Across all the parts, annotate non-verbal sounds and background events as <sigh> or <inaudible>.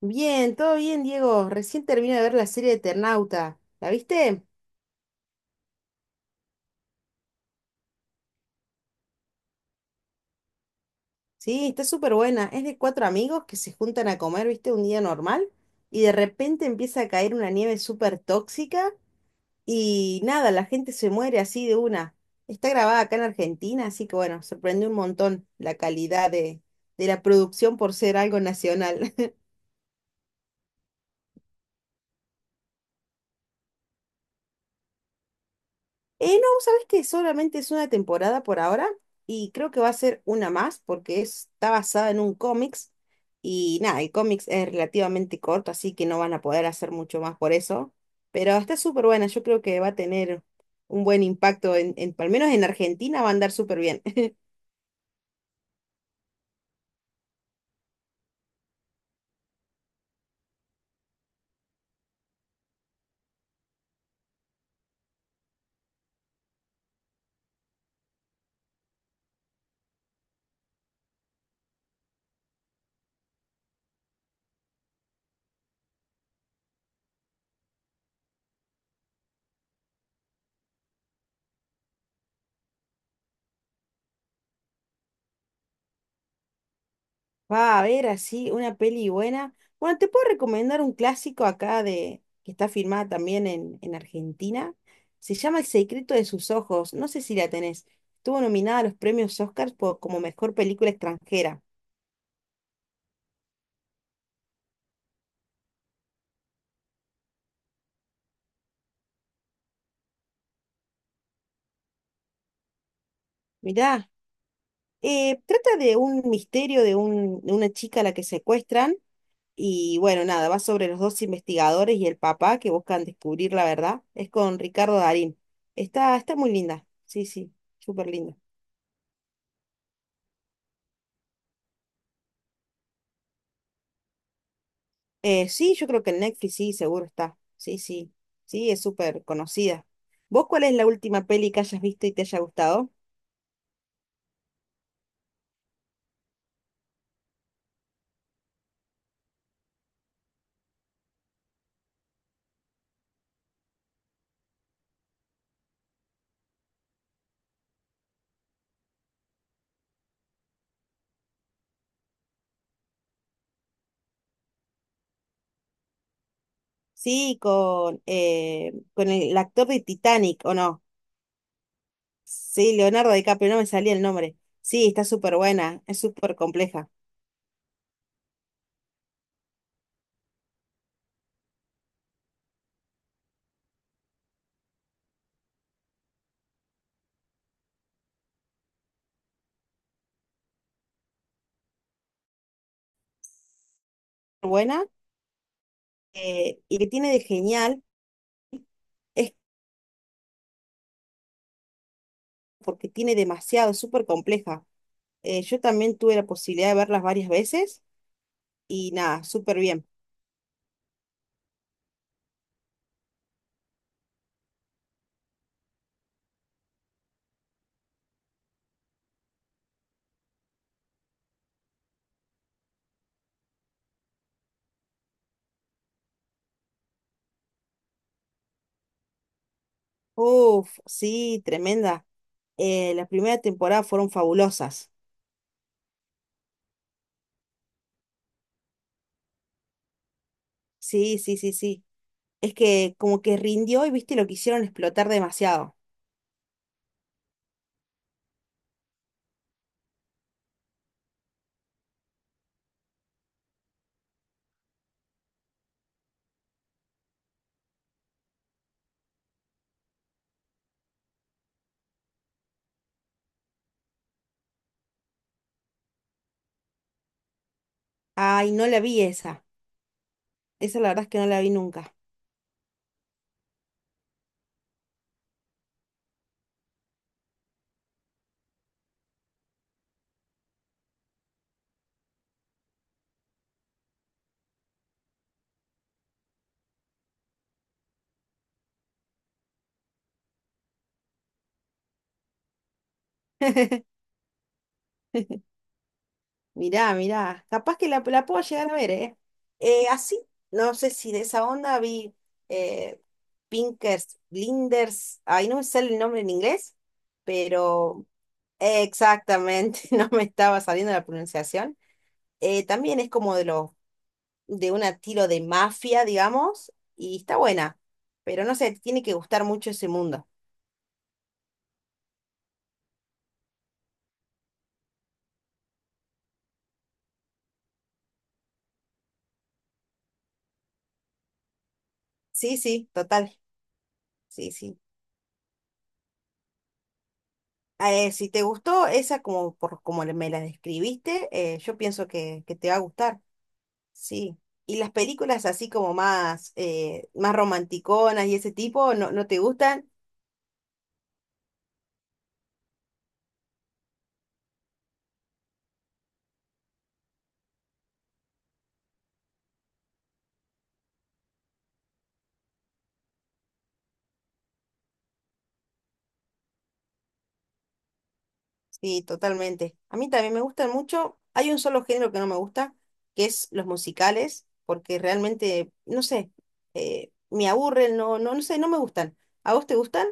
Bien, todo bien, Diego. Recién termino de ver la serie de Eternauta. ¿La viste? Sí, está súper buena. Es de cuatro amigos que se juntan a comer, ¿viste? Un día normal y de repente empieza a caer una nieve súper tóxica y nada, la gente se muere así de una. Está grabada acá en Argentina, así que bueno, sorprende un montón la calidad de la producción por ser algo nacional. No, sabes que solamente es una temporada por ahora y creo que va a ser una más porque está basada en un cómics y nada, el cómics es relativamente corto, así que no van a poder hacer mucho más por eso, pero está súper buena, yo creo que va a tener un buen impacto al menos en Argentina va a andar súper bien. <laughs> Va a haber así una peli buena. Bueno, te puedo recomendar un clásico acá de que está filmada también en Argentina. Se llama El secreto de sus ojos. No sé si la tenés. Estuvo nominada a los premios Oscars por, como mejor película extranjera. Mirá, trata de un misterio de una chica a la que secuestran. Y bueno, nada, va sobre los dos investigadores y el papá que buscan descubrir la verdad. Es con Ricardo Darín. Está muy linda. Sí, sí, súper linda. Sí, yo creo que en Netflix sí, seguro está. Sí, sí, sí, es súper conocida. ¿Vos cuál es la última peli que hayas visto y te haya gustado? Sí, con el actor de Titanic, ¿o no? Sí, Leonardo DiCaprio, no me salía el nombre. Sí, está súper buena, es súper compleja. Buena, y que tiene de genial es porque tiene demasiado, es súper compleja. Yo también tuve la posibilidad de verlas varias veces y nada, súper bien. Uf, sí, tremenda. Las primeras temporadas fueron fabulosas. Sí, sí, sí, sí. Es que como que rindió y viste lo que hicieron explotar demasiado. Ay, no la vi esa. Esa la verdad es que no la vi nunca. Mirá, mirá. Capaz que la puedo llegar a ver, ¿eh? Eh, así, no sé si de esa onda vi eh, Pinkers, Blinders. Ay, no me sale el nombre en inglés, pero exactamente, <laughs> no me estaba saliendo la pronunciación también es como de un estilo de mafia, digamos, y está buena. Pero no sé, te tiene que gustar mucho ese mundo. Sí, sí, total. Sí, sí. Si te gustó esa como por como me la describiste, yo pienso que te va a gustar. Sí. Y las películas así como más, más romanticonas y ese tipo, ¿no, no te gustan? Sí, totalmente. A mí también me gustan mucho. Hay un solo género que no me gusta, que es los musicales, porque realmente, no sé, me aburren, no, no, no sé, no me gustan. ¿A vos te gustan?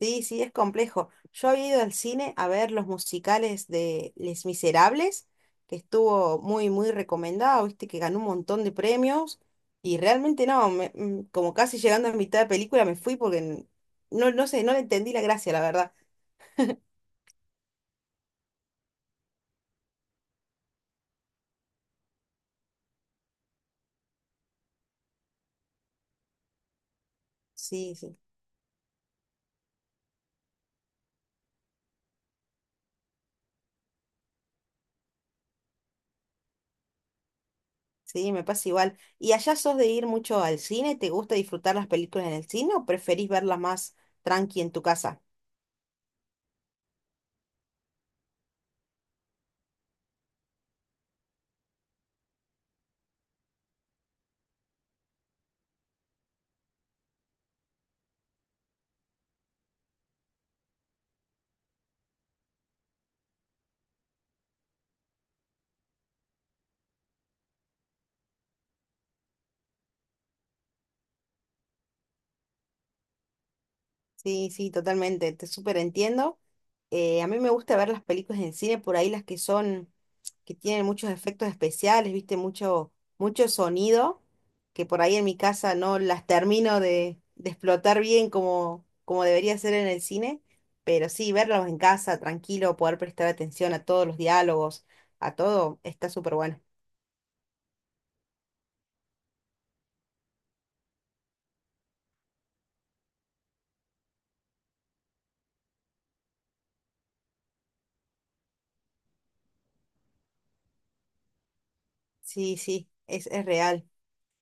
Sí, sí, es complejo. Yo había ido al cine a ver los musicales de Les Miserables, que estuvo muy, muy recomendado, viste, que ganó un montón de premios, y realmente no, como casi llegando a mitad de película me fui porque no, no sé, no le entendí la gracia, la verdad. Sí, sí. Sí, me pasa igual. ¿Y allá sos de ir mucho al cine? ¿Te gusta disfrutar las películas en el cine o preferís verlas más tranqui en tu casa? Sí, sí, totalmente, te súper entiendo. A mí me gusta ver las películas en el cine, por ahí las que son, que tienen muchos efectos especiales, viste, mucho, mucho sonido, que por ahí en mi casa no las termino de explotar bien como, como debería ser en el cine, pero sí, verlas en casa, tranquilo, poder prestar atención a todos los diálogos, a todo, está súper bueno. Sí, sí, es real.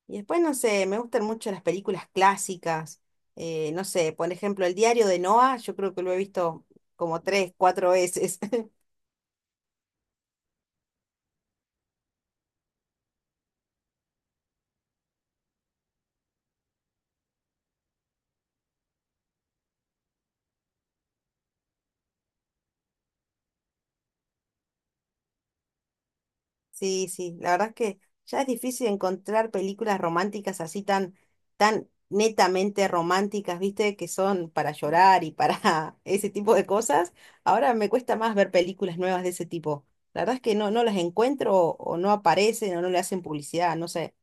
Y después, no sé, me gustan mucho las películas clásicas. No sé, por ejemplo, El diario de Noah, yo creo que lo he visto como tres, cuatro veces. <laughs> Sí, sí, la verdad es que ya es difícil encontrar películas románticas así tan, tan netamente románticas, ¿viste? Que son para llorar y para <laughs> ese tipo de cosas. Ahora me cuesta más ver películas nuevas de ese tipo. La verdad es que no, no las encuentro o no aparecen o no le hacen publicidad, no sé.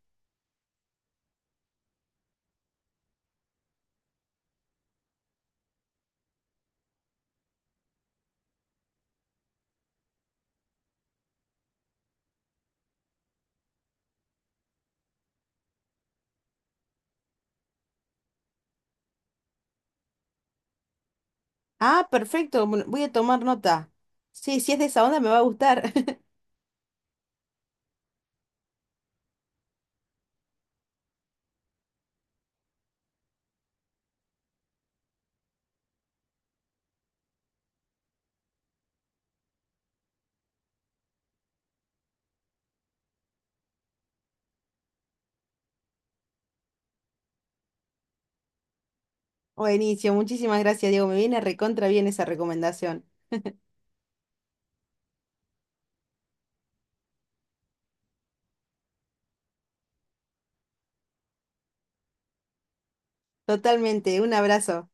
Ah, perfecto. Bueno, voy a tomar nota. Sí, si es de esa onda me va a gustar. <laughs> Buenísimo, muchísimas gracias, Diego. Me viene recontra bien esa recomendación. Totalmente. Un abrazo.